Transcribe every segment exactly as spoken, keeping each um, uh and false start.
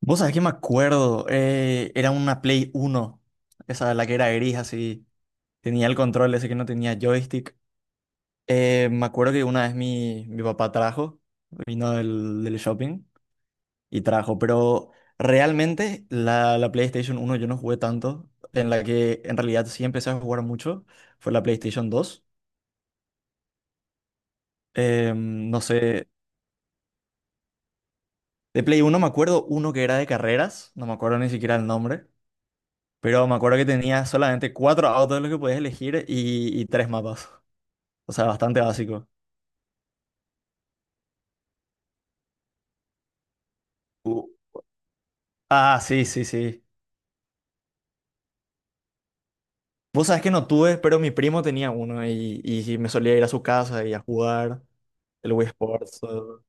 Vos sabés que me acuerdo, eh, era una Play uno, esa la que era gris así, tenía el control ese que no tenía joystick. Eh, me acuerdo que una vez mi, mi papá trajo, vino del, del shopping y trajo, pero realmente la, la PlayStation uno yo no jugué tanto. En la que en realidad sí empecé a jugar mucho fue la PlayStation dos. Eh, no sé, de Play uno me acuerdo uno que era de carreras, no me acuerdo ni siquiera el nombre. Pero me acuerdo que tenía solamente cuatro autos los que podías elegir y, y tres mapas. O sea, bastante básico. Uh, Ah, sí, sí, sí. Vos sabés que no tuve, pero mi primo tenía uno y, y me solía ir a su casa y a jugar el Wii Sports. eh.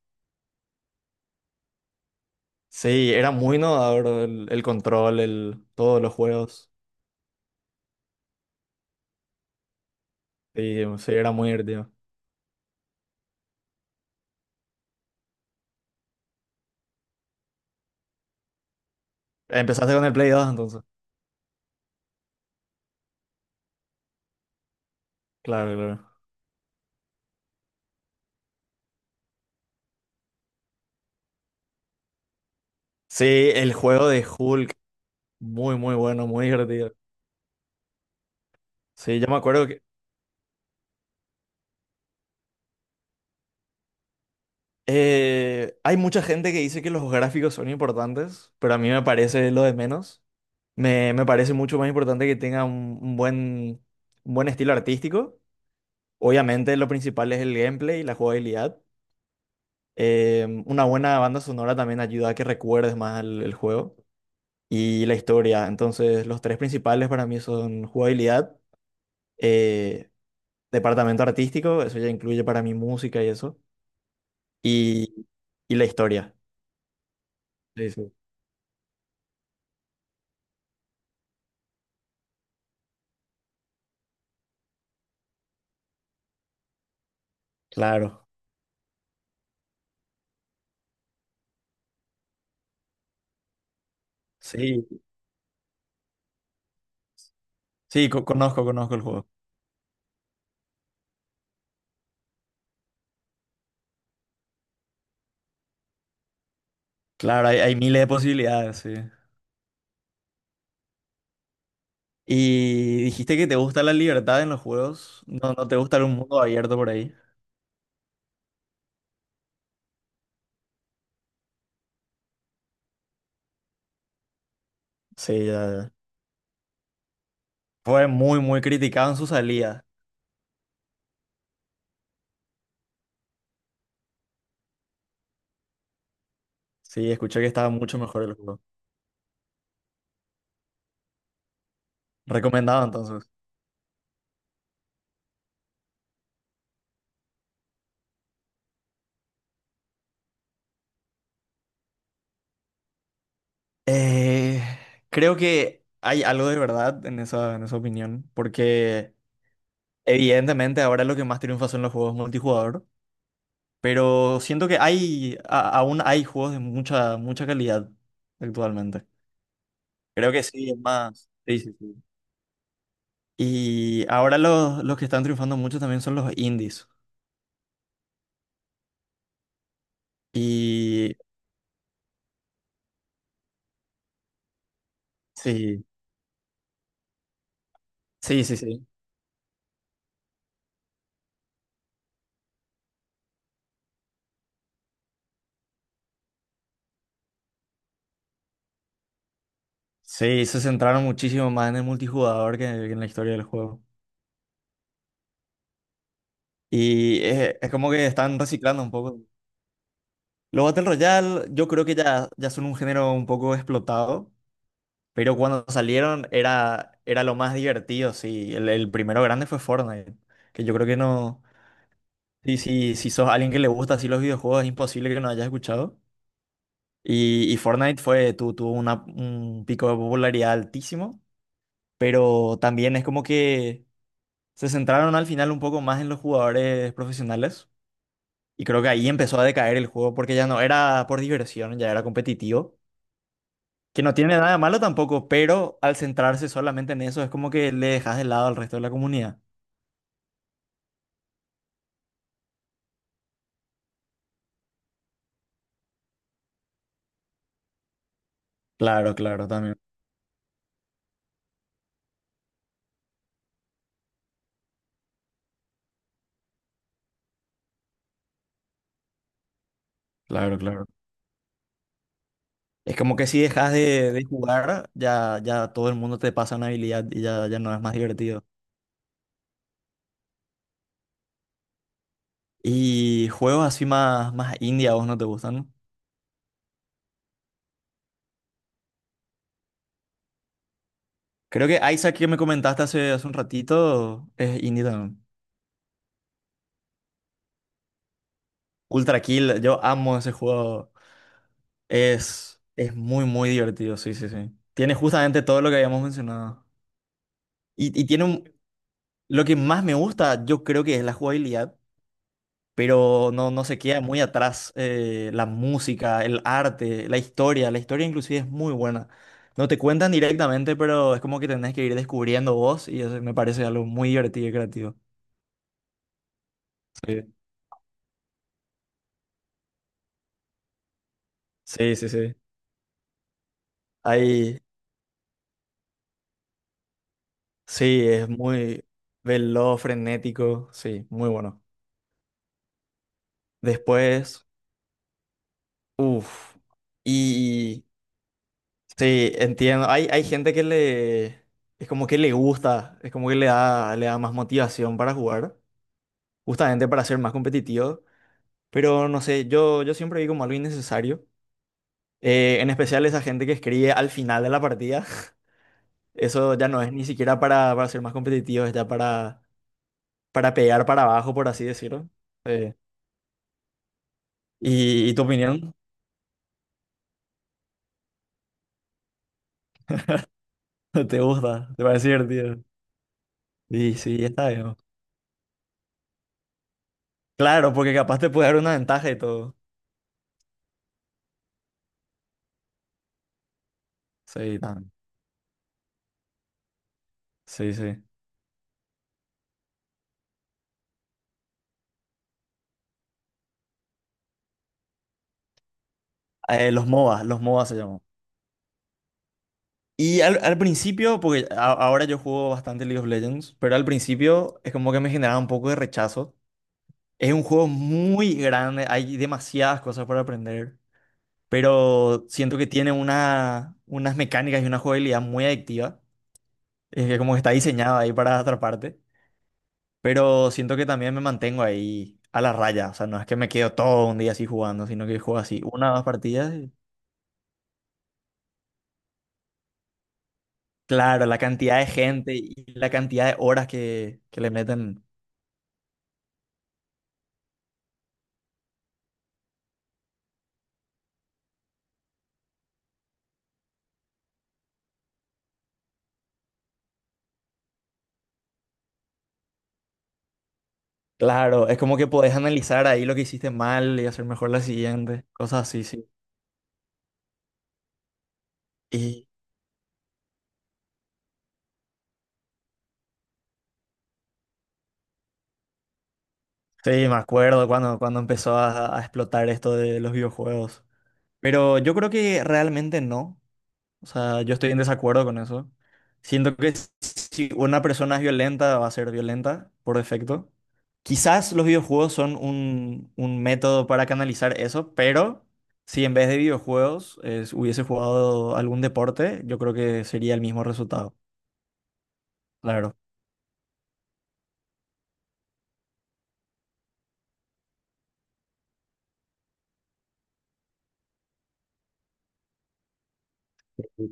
Sí, era muy innovador el, el control, el, todos los juegos. Sí, sí, era muy divertido. Empezaste con el Play dos entonces. Claro, claro. Sí, el juego de Hulk, muy, muy bueno, muy divertido. Sí, yo me acuerdo que Eh, hay mucha gente que dice que los gráficos son importantes, pero a mí me parece lo de menos. Me, me parece mucho más importante que tenga un, un buen, un buen estilo artístico. Obviamente lo principal es el gameplay y la jugabilidad. Eh, una buena banda sonora también ayuda a que recuerdes más el, el juego y la historia. Entonces los tres principales para mí son jugabilidad, eh, departamento artístico, eso ya incluye para mí música y eso, y, y la historia. Sí, sí. Claro, sí. Sí, co- conozco, conozco el juego. Claro, hay, hay miles de posibilidades, sí. Y dijiste que te gusta la libertad en los juegos. No, no te gusta un mundo abierto por ahí. Sí, ya, ya. Fue muy, muy criticado en su salida. Sí, escuché que estaba mucho mejor el juego. Recomendado entonces. Eh, Creo que hay algo de verdad en esa, en esa opinión, porque evidentemente ahora lo que más triunfa son los juegos multijugador, pero siento que hay, a- aún hay juegos de mucha, mucha calidad actualmente. Creo que sí, es más. Sí, sí, sí. Y ahora los, los que están triunfando mucho también son los indies. Y sí, sí, sí, sí. Sí, se centraron muchísimo más en el multijugador que, que en la historia del juego. Y es, es como que están reciclando un poco. Los Battle Royale, yo creo que ya, ya son un género un poco explotado, pero cuando salieron era, era lo más divertido, sí. El, el primero grande fue Fortnite, que yo creo que no... Sí, sí, si sos alguien que le gusta así los videojuegos, es imposible que no hayas escuchado. Y, y Fortnite fue, tu- tuvo una- un pico de popularidad altísimo, pero también es como que se centraron al final un poco más en los jugadores profesionales. Y creo que ahí empezó a decaer el juego porque ya no era por diversión, ya era competitivo. Que no tiene nada de malo tampoco, pero al centrarse solamente en eso es como que le dejas de lado al resto de la comunidad. Claro, claro, también. Claro, claro. Es como que si dejas de, de jugar, ya, ya todo el mundo te pasa una habilidad y ya, ya no es más divertido. Y juegos así más, más indie a vos no te gustan. Creo que Isaac que me comentaste hace, hace un ratito es indie también. Ultra Kill, yo amo ese juego. Es, es muy, muy divertido, sí, sí, sí. Tiene justamente todo lo que habíamos mencionado. Y, y tiene un- lo que más me gusta, yo creo que es la jugabilidad, pero no, no se queda muy atrás eh, la música, el arte, la historia. La historia inclusive es muy buena. No te cuentan directamente, pero es como que tenés que ir descubriendo vos y eso me parece algo muy divertido y creativo. Sí, sí, sí. sí. Ahí sí, es muy veloz, frenético, sí, muy bueno. Después, uff, y sí, entiendo, hay, hay gente que le, es como que le gusta, es como que le da, le da más motivación para jugar, justamente para ser más competitivos. Pero no sé, yo, yo siempre vi como algo innecesario. Eh, en especial esa gente que escribe al final de la partida. Eso ya no es ni siquiera para, para ser más competitivo, es ya para, para pegar para abajo, por así decirlo. Eh, ¿Y, y tu opinión? ¿Te gusta? ¿Te parece divertido? Y sí, está bien. Claro, porque capaz te puede dar una ventaja y todo. Sí, tan- sí, sí. Eh, los M O B A, los M O B A se llaman. Y al, al principio, porque a- ahora yo juego bastante League of Legends, pero al principio es como que me generaba un poco de rechazo. Es un juego muy grande, hay demasiadas cosas para aprender, pero siento que tiene una, unas mecánicas y una jugabilidad muy adictiva. Es que como que está diseñado ahí para atraparte, pero siento que también me mantengo ahí a la raya. O sea, no es que me quedo todo un día así jugando, sino que juego así una o dos partidas. y- Claro, la cantidad de gente y la cantidad de horas que, que le meten. Claro, es como que podés analizar ahí lo que hiciste mal y hacer mejor la siguiente, cosas así, sí. Y sí, me acuerdo cuando, cuando empezó a, a explotar esto de los videojuegos. Pero yo creo que realmente no. O sea, yo estoy en desacuerdo con eso. Siento que si una persona es violenta, va a ser violenta por defecto. Quizás los videojuegos son un, un método para canalizar eso, pero si en vez de videojuegos es- hubiese jugado algún deporte, yo creo que sería el mismo resultado. Claro,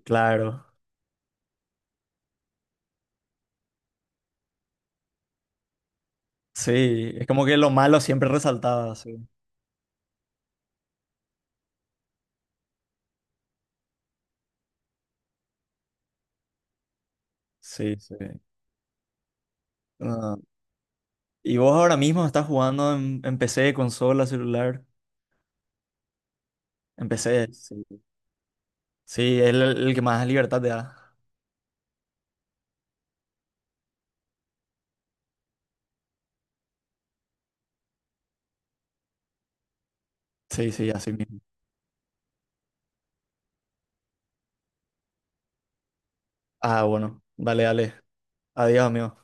claro. Sí, es como que lo malo siempre resaltaba, sí. Sí, sí. Ah, ¿y vos ahora mismo estás jugando en, en P C, consola, celular? En P C, sí. Sí, es el, el que más libertad te da. Sí, sí, así mismo. Ah, bueno, dale, dale. Adiós, amigo.